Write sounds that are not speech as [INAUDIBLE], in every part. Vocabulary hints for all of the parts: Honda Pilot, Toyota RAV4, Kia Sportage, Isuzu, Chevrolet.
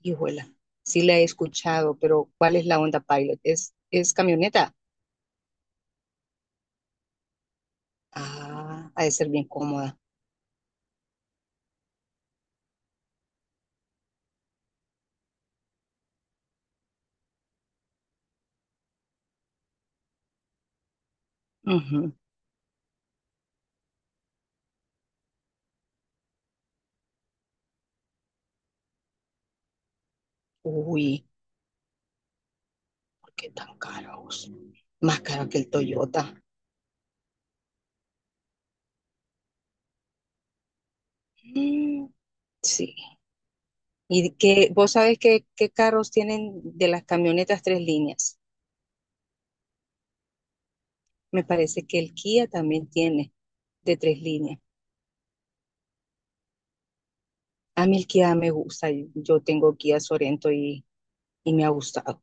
Hijuela, sí la he escuchado, pero ¿cuál es la Honda Pilot? ¿Es camioneta? Ah, ha de ser bien cómoda. Ujú. Uy, ¿por qué tan caros? Más caro que el Toyota. Mm, sí. ¿Y que vos sabés qué carros tienen de las camionetas tres líneas? Me parece que el Kia también tiene de tres líneas. A mí el Kia me gusta. Yo tengo Kia Sorento y me ha gustado.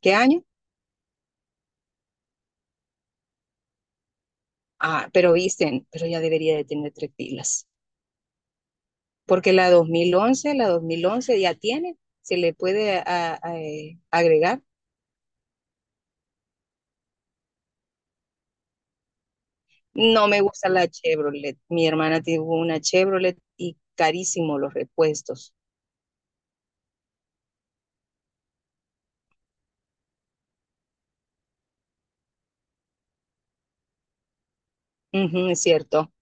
¿Qué año? Ah, pero visten, pero ya debería de tener tres pilas. Porque la 2011, la 2011 ya tiene, se le puede agregar. No me gusta la Chevrolet. Mi hermana tuvo una Chevrolet y carísimo los repuestos. Ujú, es cierto.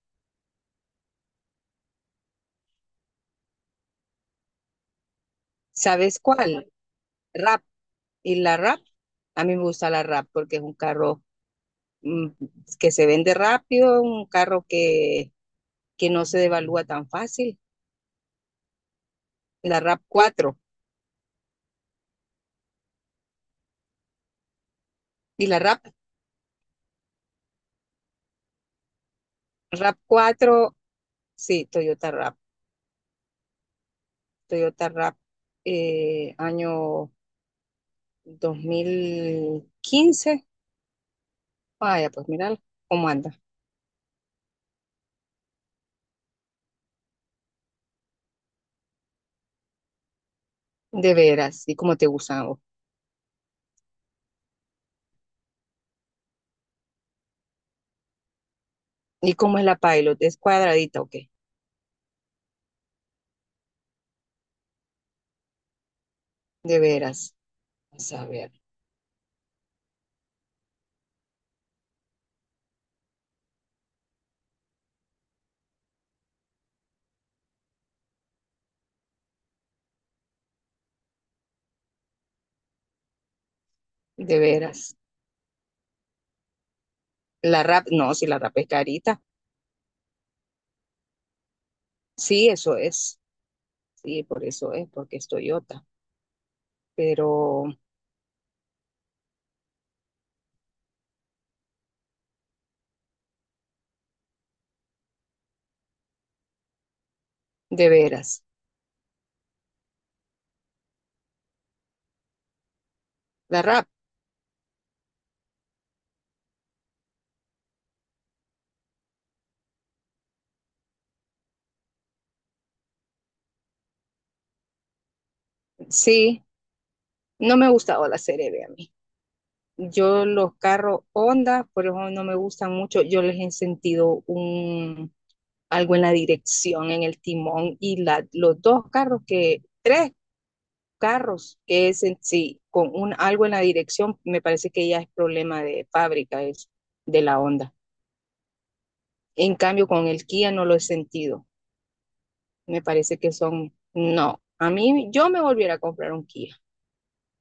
¿Sabes cuál? Rap. Y la Rap, a mí me gusta la Rap porque es un carro, mm, que se vende rápido, que no se devalúa tan fácil. La Rap 4. Y la Rap, Rap 4, sí, Toyota Rap. Toyota Rap, año 2015. Vaya, pues mira cómo anda. De veras, y cómo te gustan a vos. ¿Y cómo es la Pilot? ¿Es cuadradita o qué? De veras. Vamos a ver, de veras. La Rap, no, si la Rap es carita. Sí, eso es. Sí, por eso es, porque es Toyota. Pero, de veras. La Rap, sí. No me ha gustado la serie B a mí. Yo los carros Honda, por eso no me gustan mucho, yo les he sentido un, algo en la dirección, en el timón y la, los dos carros que, tres carros que es en sí, con un, algo en la dirección, me parece que ya es problema de fábrica, es de la Honda. En cambio, con el Kia no lo he sentido. Me parece que son, no, a mí yo me volviera a comprar un Kia,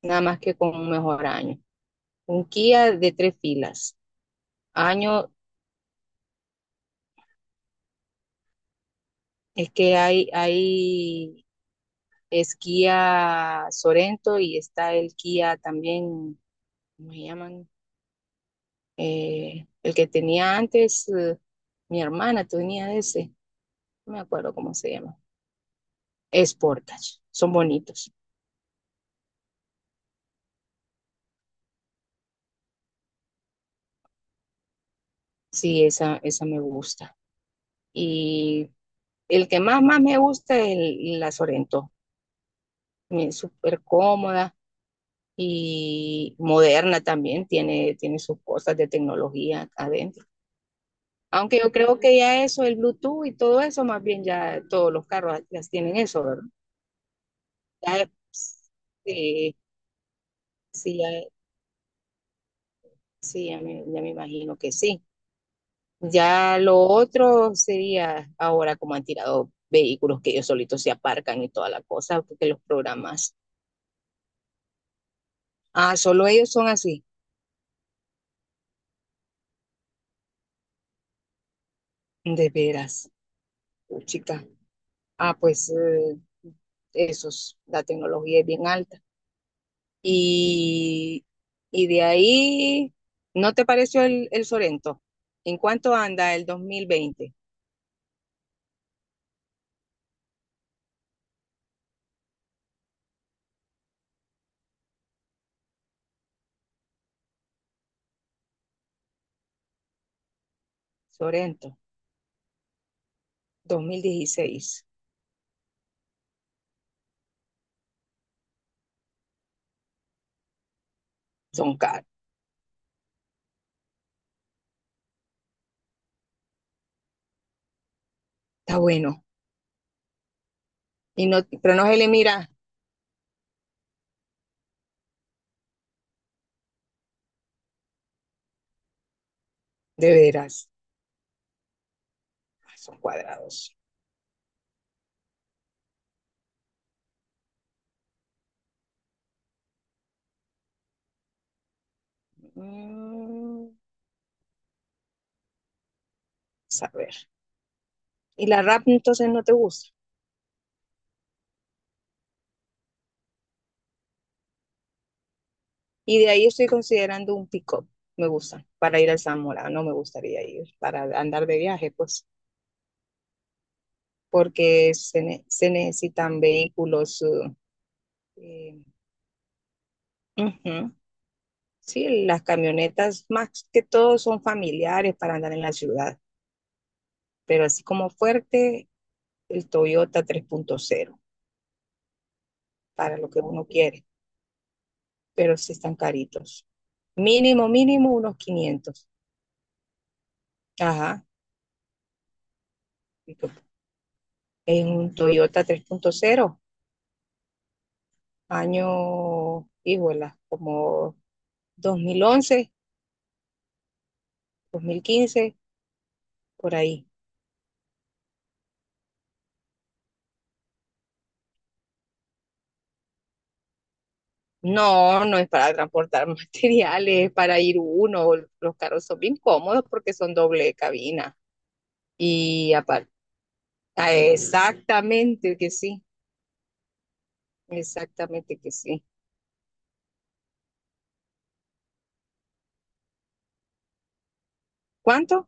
nada más que con un mejor año. Un Kia de tres filas, año. Es que hay, es Kia Sorento y está el Kia también, ¿cómo se llaman? El que tenía antes, mi hermana tenía ese, no me acuerdo cómo se llama. Es Sportage, son bonitos. Sí, esa me gusta. Y el que más, más me gusta es el- la Sorento. También es súper cómoda y moderna también, tiene, tiene sus cosas de tecnología adentro. Aunque yo creo que ya eso, el Bluetooth y todo eso, más bien ya todos los carros las tienen eso, ¿verdad? Ya es- sí, sí, ya, sí, ya me imagino que sí. Ya lo otro sería ahora como han tirado vehículos que ellos solitos se aparcan y toda la cosa, porque los programas. Ah, solo ellos son así. De veras, chica. Ah, pues esos, la tecnología es bien alta. Y, y de ahí, ¿no te pareció el Sorento? ¿En cuánto anda el 2020 Sorento, 2016? Son caros. Está bueno. Y no, pero no se le mira de veras. Ay, son cuadrados. Mm, a ver. Y la rap entonces no te gusta. Y de ahí estoy considerando un pick-up. Me gusta. Para ir al Zamora. No me gustaría ir. Para andar de viaje, pues. Porque se, se necesitan vehículos, eh, ujú. Sí, las camionetas más que todo son familiares para andar en la ciudad, pero así como fuerte, el Toyota 3.0 para lo que uno quiere, pero sí están caritos. Mínimo, mínimo unos 500. Ajá. En un Toyota 3.0, año, híjola, como 2011, 2015 por ahí. No, no es para transportar [LAUGHS] materiales, es para ir uno. Los carros son bien cómodos porque son doble cabina. Y aparte, exactamente que sí, exactamente que sí. ¿Cuánto?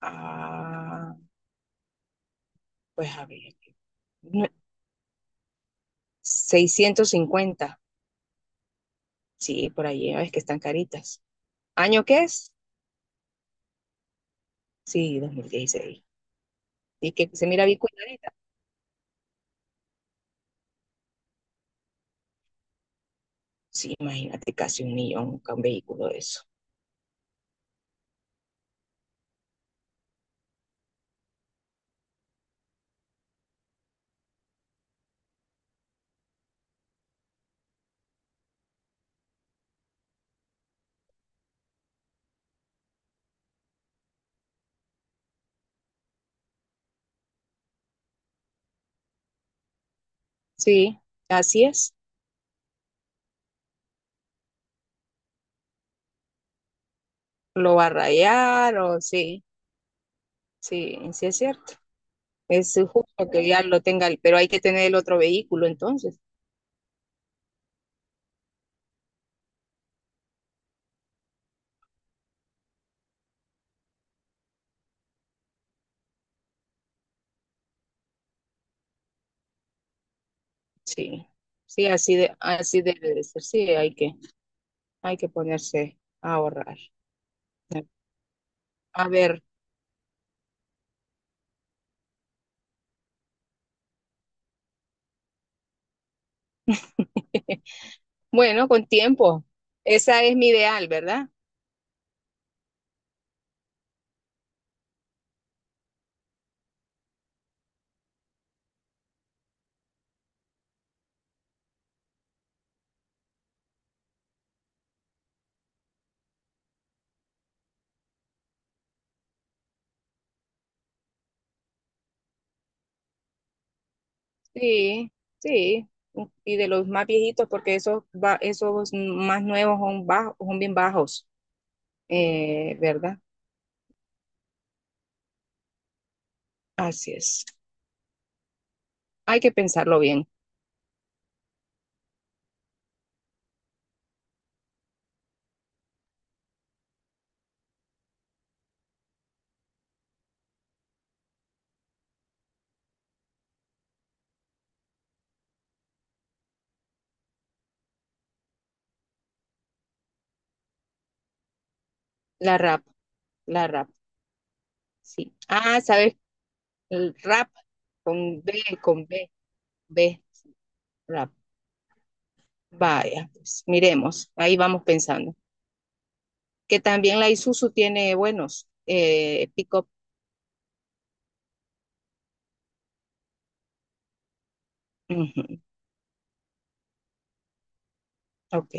Ah, pues a ver, no- 650. Sí, por ahí, ah, es que están caritas. ¿Año qué es? Sí, 2016. Y que se mira bien cuidadita. Sí, imagínate, casi un millón con un vehículo de eso. Sí, así es. Lo va a rayar o sí, sí, sí es cierto. Es justo que ya lo tenga, el- pero hay que tener el otro vehículo entonces. Sí, sí, así de, así debe de ser. Sí, hay que ponerse a ahorrar. A ver, [LAUGHS] bueno, con tiempo. Esa es mi ideal, ¿verdad? Sí, sí. Y de los más viejitos, porque esos, esos más nuevos son bajos, son bien bajos, ¿verdad? Así es. Hay que pensarlo bien. La rap, la rap. Sí. Ah, ¿sabes? El rap con B, B, rap. Vaya, pues miremos, ahí vamos pensando. Que también la Isuzu tiene buenos pick-up. Ujú, ok.